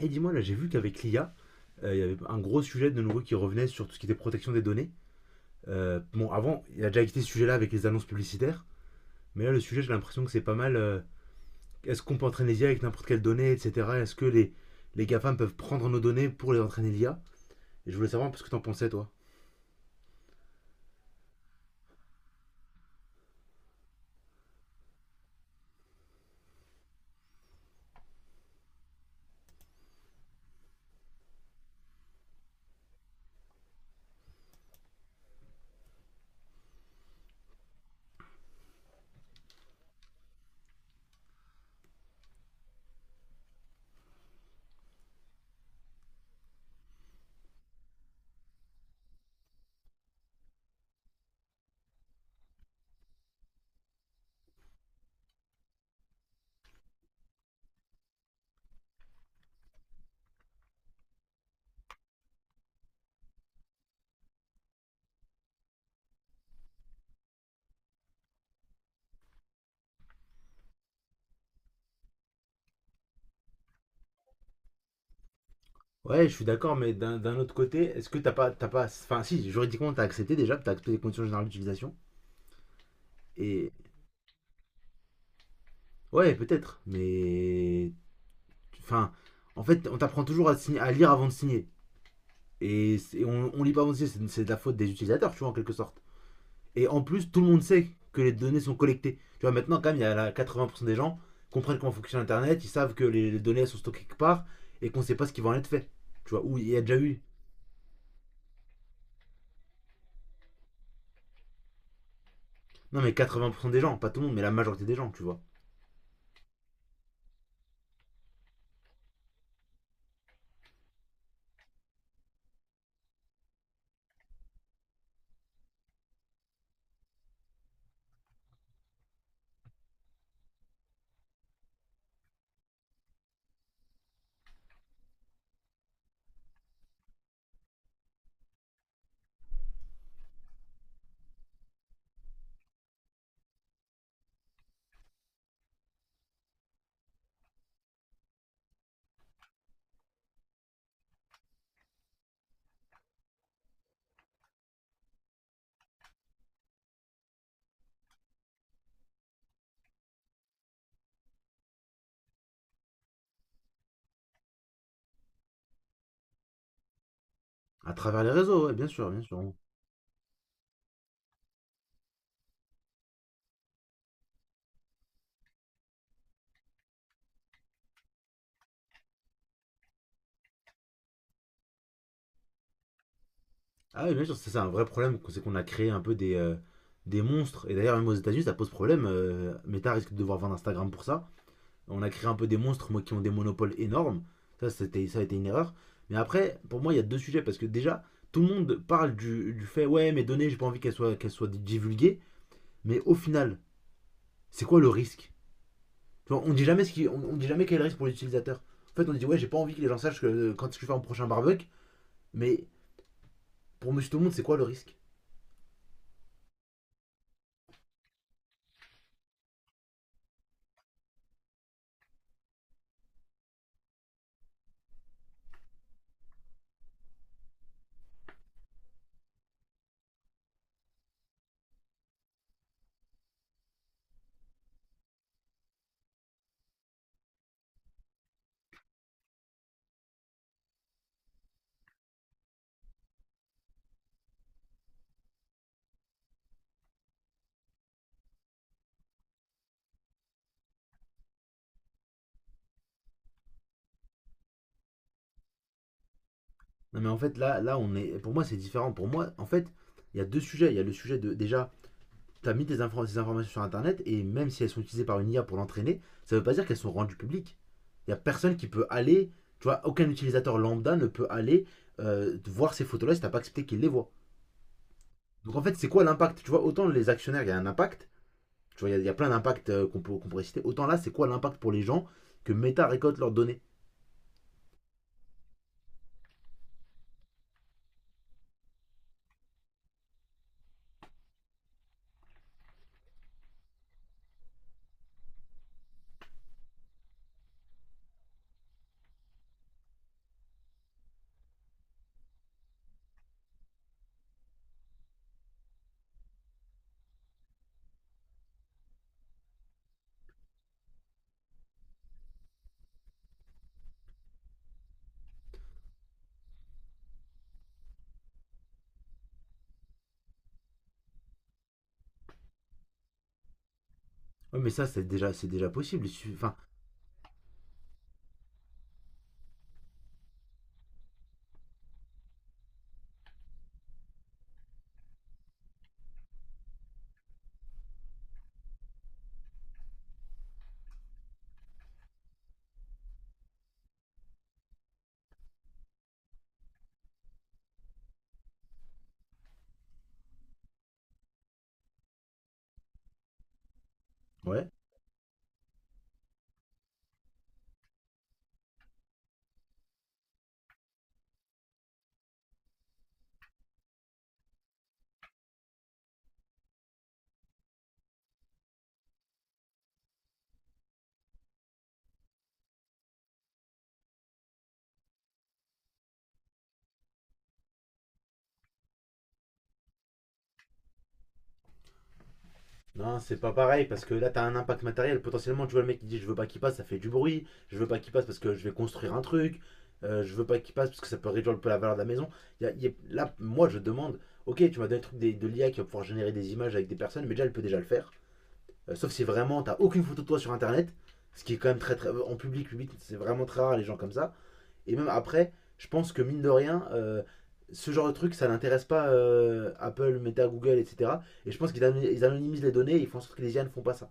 Et dis-moi, là, j'ai vu qu'avec l'IA, il y avait un gros sujet de nouveau qui revenait sur tout ce qui était protection des données. Bon, avant, il y a déjà été ce sujet-là avec les annonces publicitaires, mais là, le sujet, j'ai l'impression que c'est pas mal. Est-ce qu'on peut entraîner l'IA avec n'importe quelle donnée, etc. Est-ce que les GAFAM peuvent prendre nos données pour les entraîner l'IA? Et je voulais savoir parce que t'en pensais, toi. Ouais, je suis d'accord, mais d'un autre côté, est-ce que t'as pas. Enfin, si, juridiquement, t'as accepté déjà, t'as accepté les conditions générales d'utilisation. Et. Ouais, peut-être, mais. Enfin, en fait, on t'apprend toujours à, à lire avant de signer. Et, on lit pas avancé, c'est de la faute des utilisateurs, tu vois, en quelque sorte. Et en plus, tout le monde sait que les données sont collectées. Tu vois, maintenant, quand même, il y a la- 80% des gens comprennent comment fonctionne Internet, ils savent que les données sont stockées quelque part et qu'on sait pas ce qui va en être fait. Tu vois, où il y a déjà eu. Non, mais 80% des gens, pas tout le monde, mais la majorité des gens, tu vois. À travers les réseaux, ouais, bien sûr, bien sûr. Ah oui, bien sûr, c'est ça, un vrai problème, c'est qu'on a créé un peu des monstres. Et d'ailleurs, même aux États-Unis, ça pose problème. Meta risque de devoir vendre Instagram pour ça. On a créé un peu des monstres moi, qui ont des monopoles énormes. Ça, c'était, ça a été une erreur. Mais après, pour moi, il y a deux sujets. Parce que déjà, tout le monde parle du fait ouais, mes données, j'ai pas envie qu'elles soient divulguées. Mais au final, c'est quoi le risque? Tu vois, on dit jamais ce qui, on dit jamais quel est le risque pour l'utilisateur. En fait, on dit ouais, j'ai pas envie que les gens sachent que, quand je fais mon prochain barbecue. Mais pour Monsieur Tout le Monde, c'est quoi le risque? Non, mais en fait, là, là, on est. Pour moi, c'est différent. Pour moi, en fait, il y a deux sujets. Il y a le sujet de déjà tu as mis des informations sur Internet et même si elles sont utilisées par une IA pour l'entraîner, ça ne veut pas dire qu'elles sont rendues publiques. Il n'y a personne qui peut aller, tu vois, aucun utilisateur lambda ne peut aller voir ces photos-là si tu n'as pas accepté qu'il les voit. Donc en fait, c'est quoi l'impact? Tu vois, autant les actionnaires, il y a un impact, tu vois, y, a plein d'impacts qu'on pourrait citer, autant là, c'est quoi l'impact pour les gens que Meta récolte leurs données? Ouais, mais ça, c'est déjà possible. Enfin, ouais. Non, c'est pas pareil parce que là, t'as un impact matériel. Potentiellement, tu vois le mec qui dit je veux pas qu'il passe, ça fait du bruit. Je veux pas qu'il passe parce que je vais construire un truc. Je veux pas qu'il passe parce que ça peut réduire un peu la valeur de la maison. Il y a- y a- là, moi, je demande ok, tu m'as donné le truc de l'IA qui va pouvoir générer des images avec des personnes, mais déjà, elle peut déjà le faire. Sauf si vraiment, t'as aucune photo de toi sur internet, ce qui est quand même très très. En public, public, c'est vraiment très rare les gens comme ça. Et même après, je pense que mine de rien, ce genre de truc, ça n'intéresse pas Apple, Meta, Google, etc. Et je pense qu'ils ano- ils anonymisent les données et ils font en sorte que les IA ne font pas ça.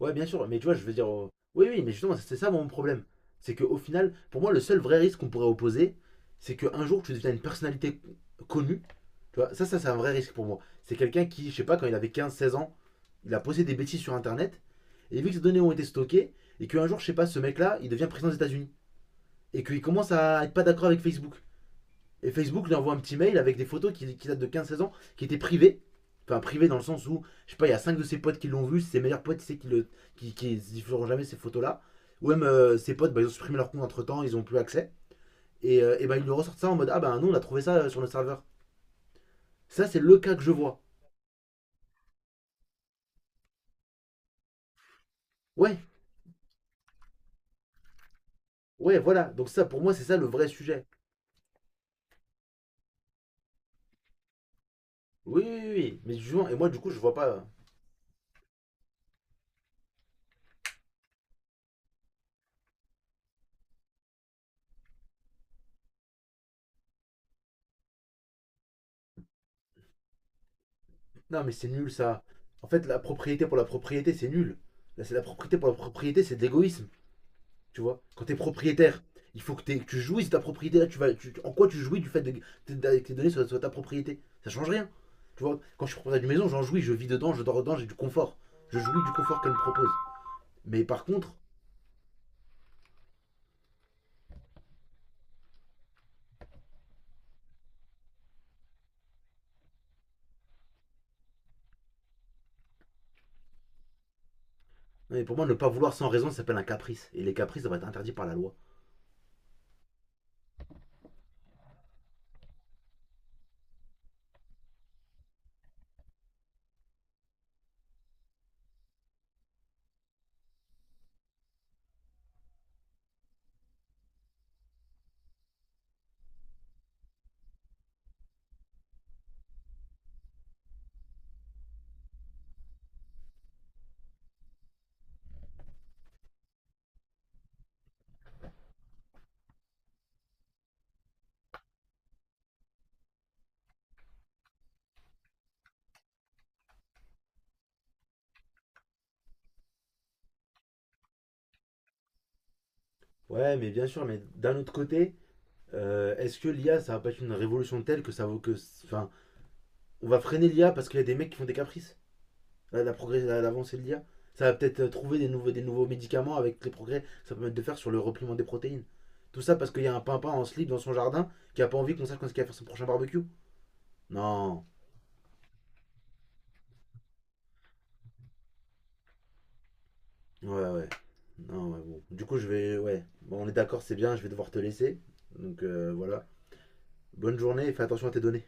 Ouais, bien sûr, mais tu vois, je veux dire. Oui, oui, mais justement, c'est ça mon problème. C'est qu'au final, pour moi, le seul vrai risque qu'on pourrait opposer, c'est qu'un jour, tu deviens une personnalité connue. Tu vois, ça, c'est un vrai risque pour moi. C'est quelqu'un qui, je sais pas, quand il avait 15, 16 ans, il a posté des bêtises sur Internet. Et vu que ces données ont été stockées, et qu'un jour, je sais pas, ce mec-là, il devient président des États-Unis. Et qu'il commence à être pas d'accord avec Facebook. Et Facebook lui envoie un petit mail avec des photos qui datent de 15 16 ans, qui étaient privées. Enfin, privées dans le sens où, je sais pas, il y a 5 de ses potes qui l'ont vu, ses meilleurs potes, c'est qui ne, qui diffuseront jamais ces photos-là. Ou même ses potes, bah, ils ont supprimé leur compte entre temps, ils n'ont plus accès. Et bah, ils lui ressortent ça en mode Ah bah nous, on a trouvé ça sur notre serveur. Ça, c'est le cas que je vois. Ouais, ouais, voilà. Donc, ça, pour moi, c'est ça le vrai sujet. Oui, oui, oui, oui. Mais du coup, et moi, du coup, je vois pas. Non, mais c'est nul ça. En fait, la propriété pour la propriété, c'est nul. Là, c'est la propriété pour la propriété, c'est de l'égoïsme. Tu vois, quand t'es propriétaire, il faut que, que tu jouisses de ta propriété. Là, tu vas, en quoi tu jouis du fait que tes données soient, ta propriété? Ça change rien. Tu vois, quand je suis propriétaire d'une maison, j'en jouis, je vis dedans, je dors dedans, j'ai du confort. Je jouis du confort qu'elle me propose. Mais par contre, non, mais pour moi, ne pas vouloir sans raison, ça s'appelle un caprice. Et les caprices doivent être interdits par la loi. Ouais, mais bien sûr, mais d'un autre côté, est-ce que l'IA, ça va pas être une révolution telle que ça vaut que. Enfin, on va freiner l'IA parce qu'il y a des mecs qui font des caprices. La progrès, l'avancée de l'IA. Ça va peut-être trouver des nouveaux médicaments avec les progrès que ça permet de faire sur le repliement des protéines. Tout ça parce qu'il y a un pimpin en slip dans son jardin qui a pas envie qu'on sache quand il va faire son prochain barbecue. Non. Ouais, ouais. Non, ouais, bon. Du coup, je vais. Ouais. Bon, on est d'accord, c'est bien, je vais devoir te laisser. Donc voilà. Bonne journée et fais attention à tes données.